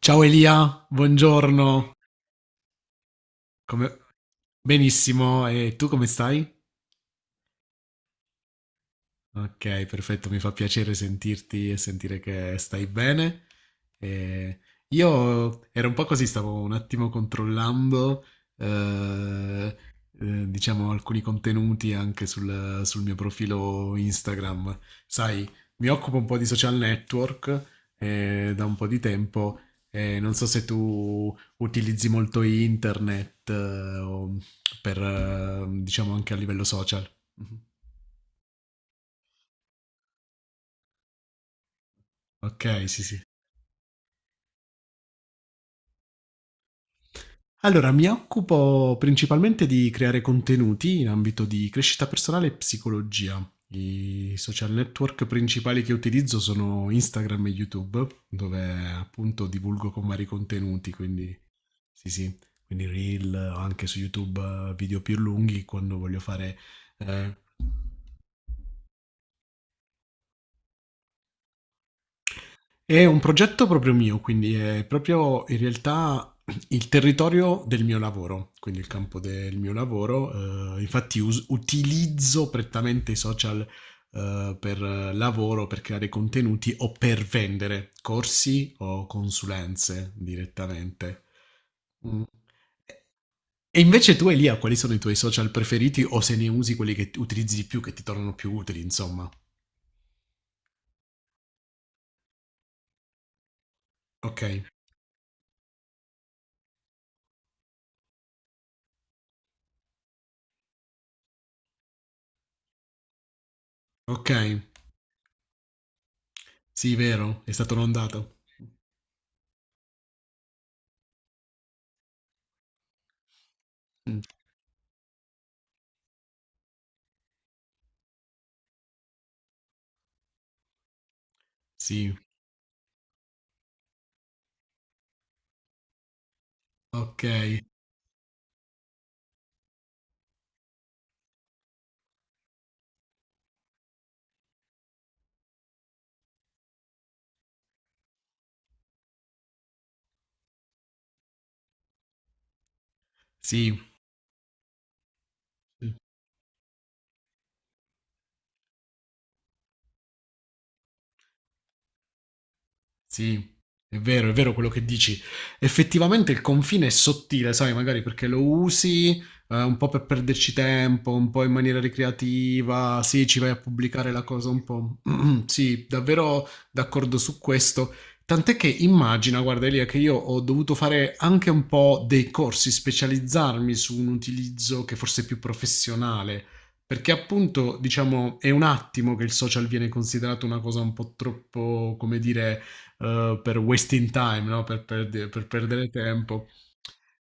Ciao Elia, buongiorno. Come- Benissimo, e tu come stai? Ok, perfetto, mi fa piacere sentirti e sentire che stai bene. E io ero un po' così, stavo un attimo controllando, eh, diciamo, alcuni contenuti anche sul mio profilo Instagram. Sai, mi occupo un po' di social network da un po' di tempo e non so se tu utilizzi molto internet o diciamo, anche a livello social. Mhm. Ok, sì, sì. Allora, mi occupo principalmente di creare contenuti in ambito di crescita personale e psicologia. I social network principali che utilizzo sono Instagram e YouTube, dove appunto divulgo con vari contenuti, quindi sì, sì, quindi reel o anche su YouTube video più lunghi quando voglio fare eh, È un progetto proprio mio, quindi è proprio in realtà il territorio del mio lavoro, quindi il campo del mio lavoro. Infatti utilizzo prettamente i social per lavoro, per creare contenuti o per vendere corsi o consulenze direttamente. Mm. E invece tu, Elia, quali sono i tuoi social preferiti o se ne usi quelli che utilizzi di più, che ti tornano più utili, insomma? Ok, ok, sì, vero, è stato inondato. Sì, okay, sì, mh. Sì, è vero quello che dici. Effettivamente il confine è sottile, sai, magari perché lo usi un po' per perderci tempo, un po' in maniera ricreativa, sì, ci vai a pubblicare la cosa un po'. Sì, davvero d'accordo su questo. Tant'è che immagina, guarda Elia, che io ho dovuto fare anche un po' dei corsi, specializzarmi su un utilizzo che forse è più professionale, perché appunto, diciamo, è un attimo che il social viene considerato una cosa un po' troppo, come dire per wasting time, no? Per per perdere tempo.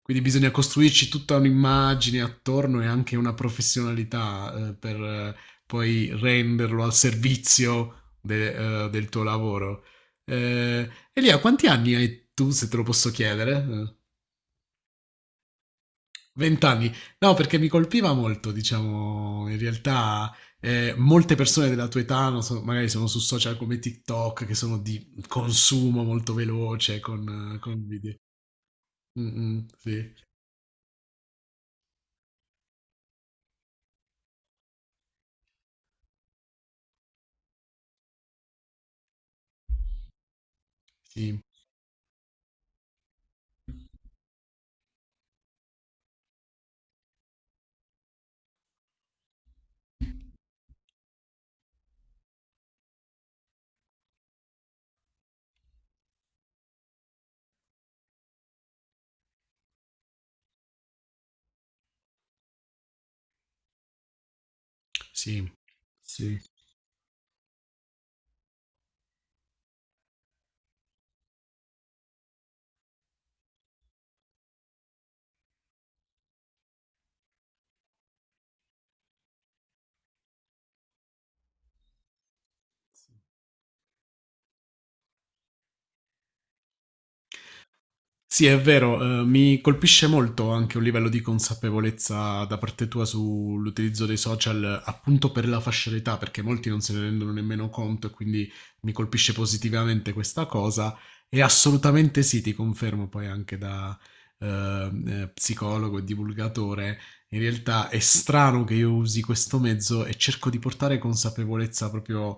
Quindi bisogna costruirci tutta un'immagine attorno e anche una professionalità per poi renderlo al servizio del tuo lavoro. Elia, quanti anni hai tu, se te lo posso chiedere? 20 anni. No, perché mi colpiva molto, diciamo, in realtà molte persone della tua età, non so, magari sono su social come TikTok, che sono di consumo molto veloce con video. Mh-mh, sì, sì, sì, sì. Sì, è vero, mi colpisce molto anche un livello di consapevolezza da parte tua sull'utilizzo dei social, appunto per la fascia d'età, perché molti non se ne rendono nemmeno conto e quindi mi colpisce positivamente questa cosa. E assolutamente sì, ti confermo poi anche da, psicologo e divulgatore, in realtà è strano che io usi questo mezzo e cerco di portare consapevolezza proprio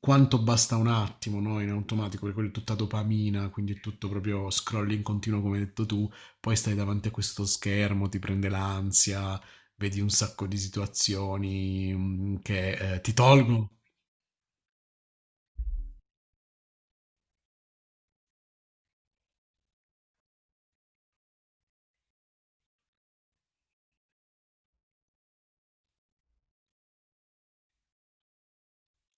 quanto basta un attimo, no? In automatico, perché quella è tutta dopamina, quindi è tutto proprio scroll in continuo, come hai detto tu, poi stai davanti a questo schermo, ti prende l'ansia, vedi un sacco di situazioni che ti tolgono.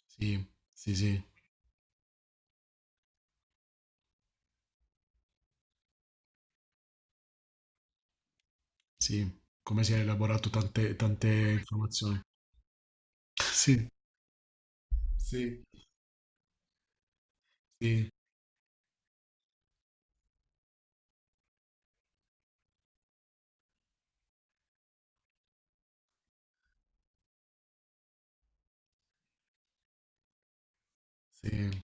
Sì, sì, sì, sì, come si è elaborato tante, tante informazioni. Sì, sì, sì, sì.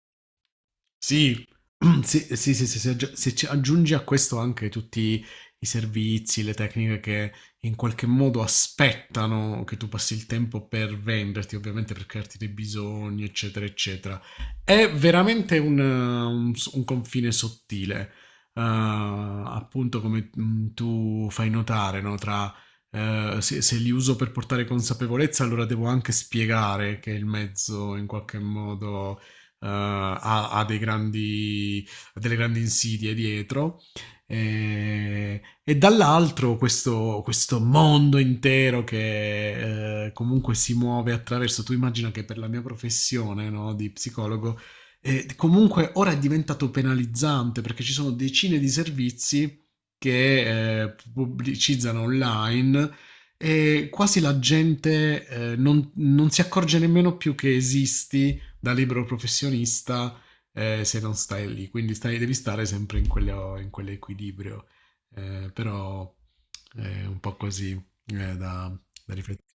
Sì, sì, sì, sì, sì, se ci aggiungi a questo anche tutti i servizi, le tecniche che in qualche modo aspettano che tu passi il tempo per venderti, ovviamente per crearti dei bisogni, eccetera, eccetera. È veramente un confine sottile, appunto come tu fai notare, no? Tra se li uso per portare consapevolezza, allora devo anche spiegare che il mezzo in qualche modo eh, ha, ha dei grandi, ha delle grandi insidie dietro. E dall'altro questo mondo intero che comunque si muove attraverso, tu immagina che per la mia professione no, di psicologo, comunque ora è diventato penalizzante perché ci sono decine di servizi che pubblicizzano online e quasi la gente non si accorge nemmeno più che esisti da libero professionista se non stai lì, quindi devi stare sempre in quell'equilibrio, però è un po' così da riflettere.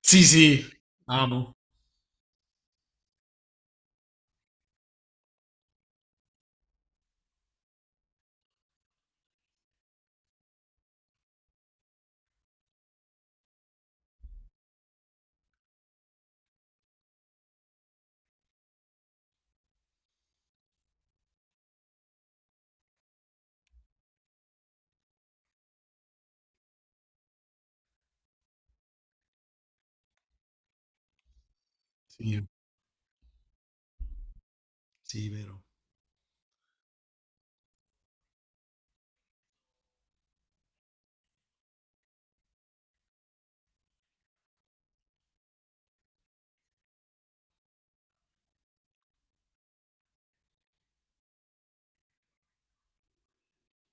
Sì, sì, amo. Sì, sì, vero.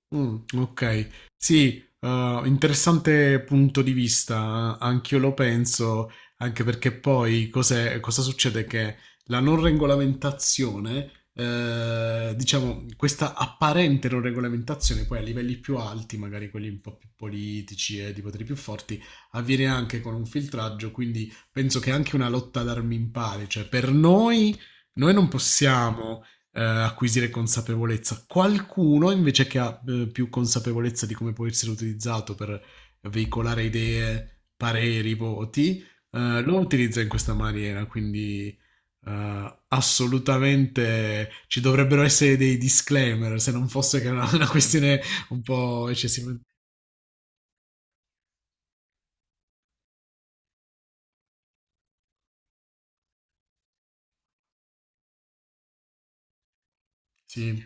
Okay. Sì, interessante punto di vista, anch'io lo penso, anche perché poi cos'è cosa succede, che la non regolamentazione diciamo questa apparente non regolamentazione poi a livelli più alti, magari quelli un po' più politici e di poteri più forti, avviene anche con un filtraggio, quindi penso che è anche una lotta ad armi impari, cioè per noi non possiamo acquisire consapevolezza. Qualcuno invece che ha più consapevolezza di come può essere utilizzato per veicolare idee, pareri, voti, lo utilizza in questa maniera, quindi assolutamente ci dovrebbero essere dei disclaimer, se non fosse che è una questione un po' eccessivamente. Sì,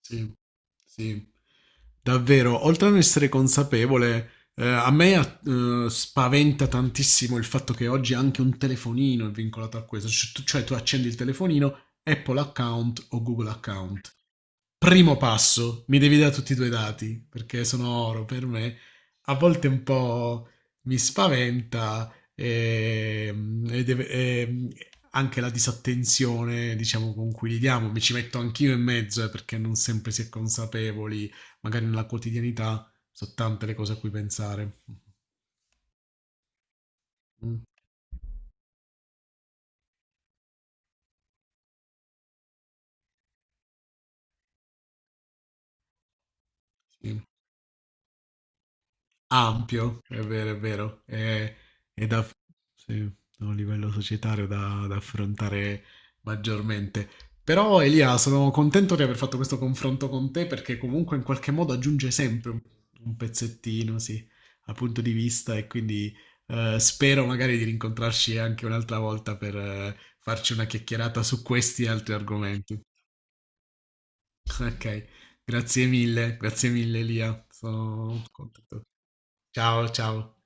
sì, sì. Davvero, oltre a non essere consapevole, a me spaventa tantissimo il fatto che oggi anche un telefonino è vincolato a questo, cioè tu accendi il telefonino, Apple account o Google account. Primo passo, mi devi dare tutti i tuoi dati, perché sono oro per me. A volte un po' mi spaventa e anche la disattenzione, diciamo, con cui li diamo. Mi ci metto anch'io in mezzo, perché non sempre si è consapevoli, magari nella quotidianità sono tante le cose a cui pensare. Mm, sì. Ampio, è vero, è vero. È da, sì, da un livello societario da affrontare maggiormente. Però Elia, sono contento di aver fatto questo confronto con te perché comunque in qualche modo aggiunge sempre un pezzettino, sì, al punto di vista e quindi spero magari di rincontrarci anche un'altra volta per farci una chiacchierata su questi e altri argomenti. Ok, grazie mille Elia, sono contento. Ciao, ciao.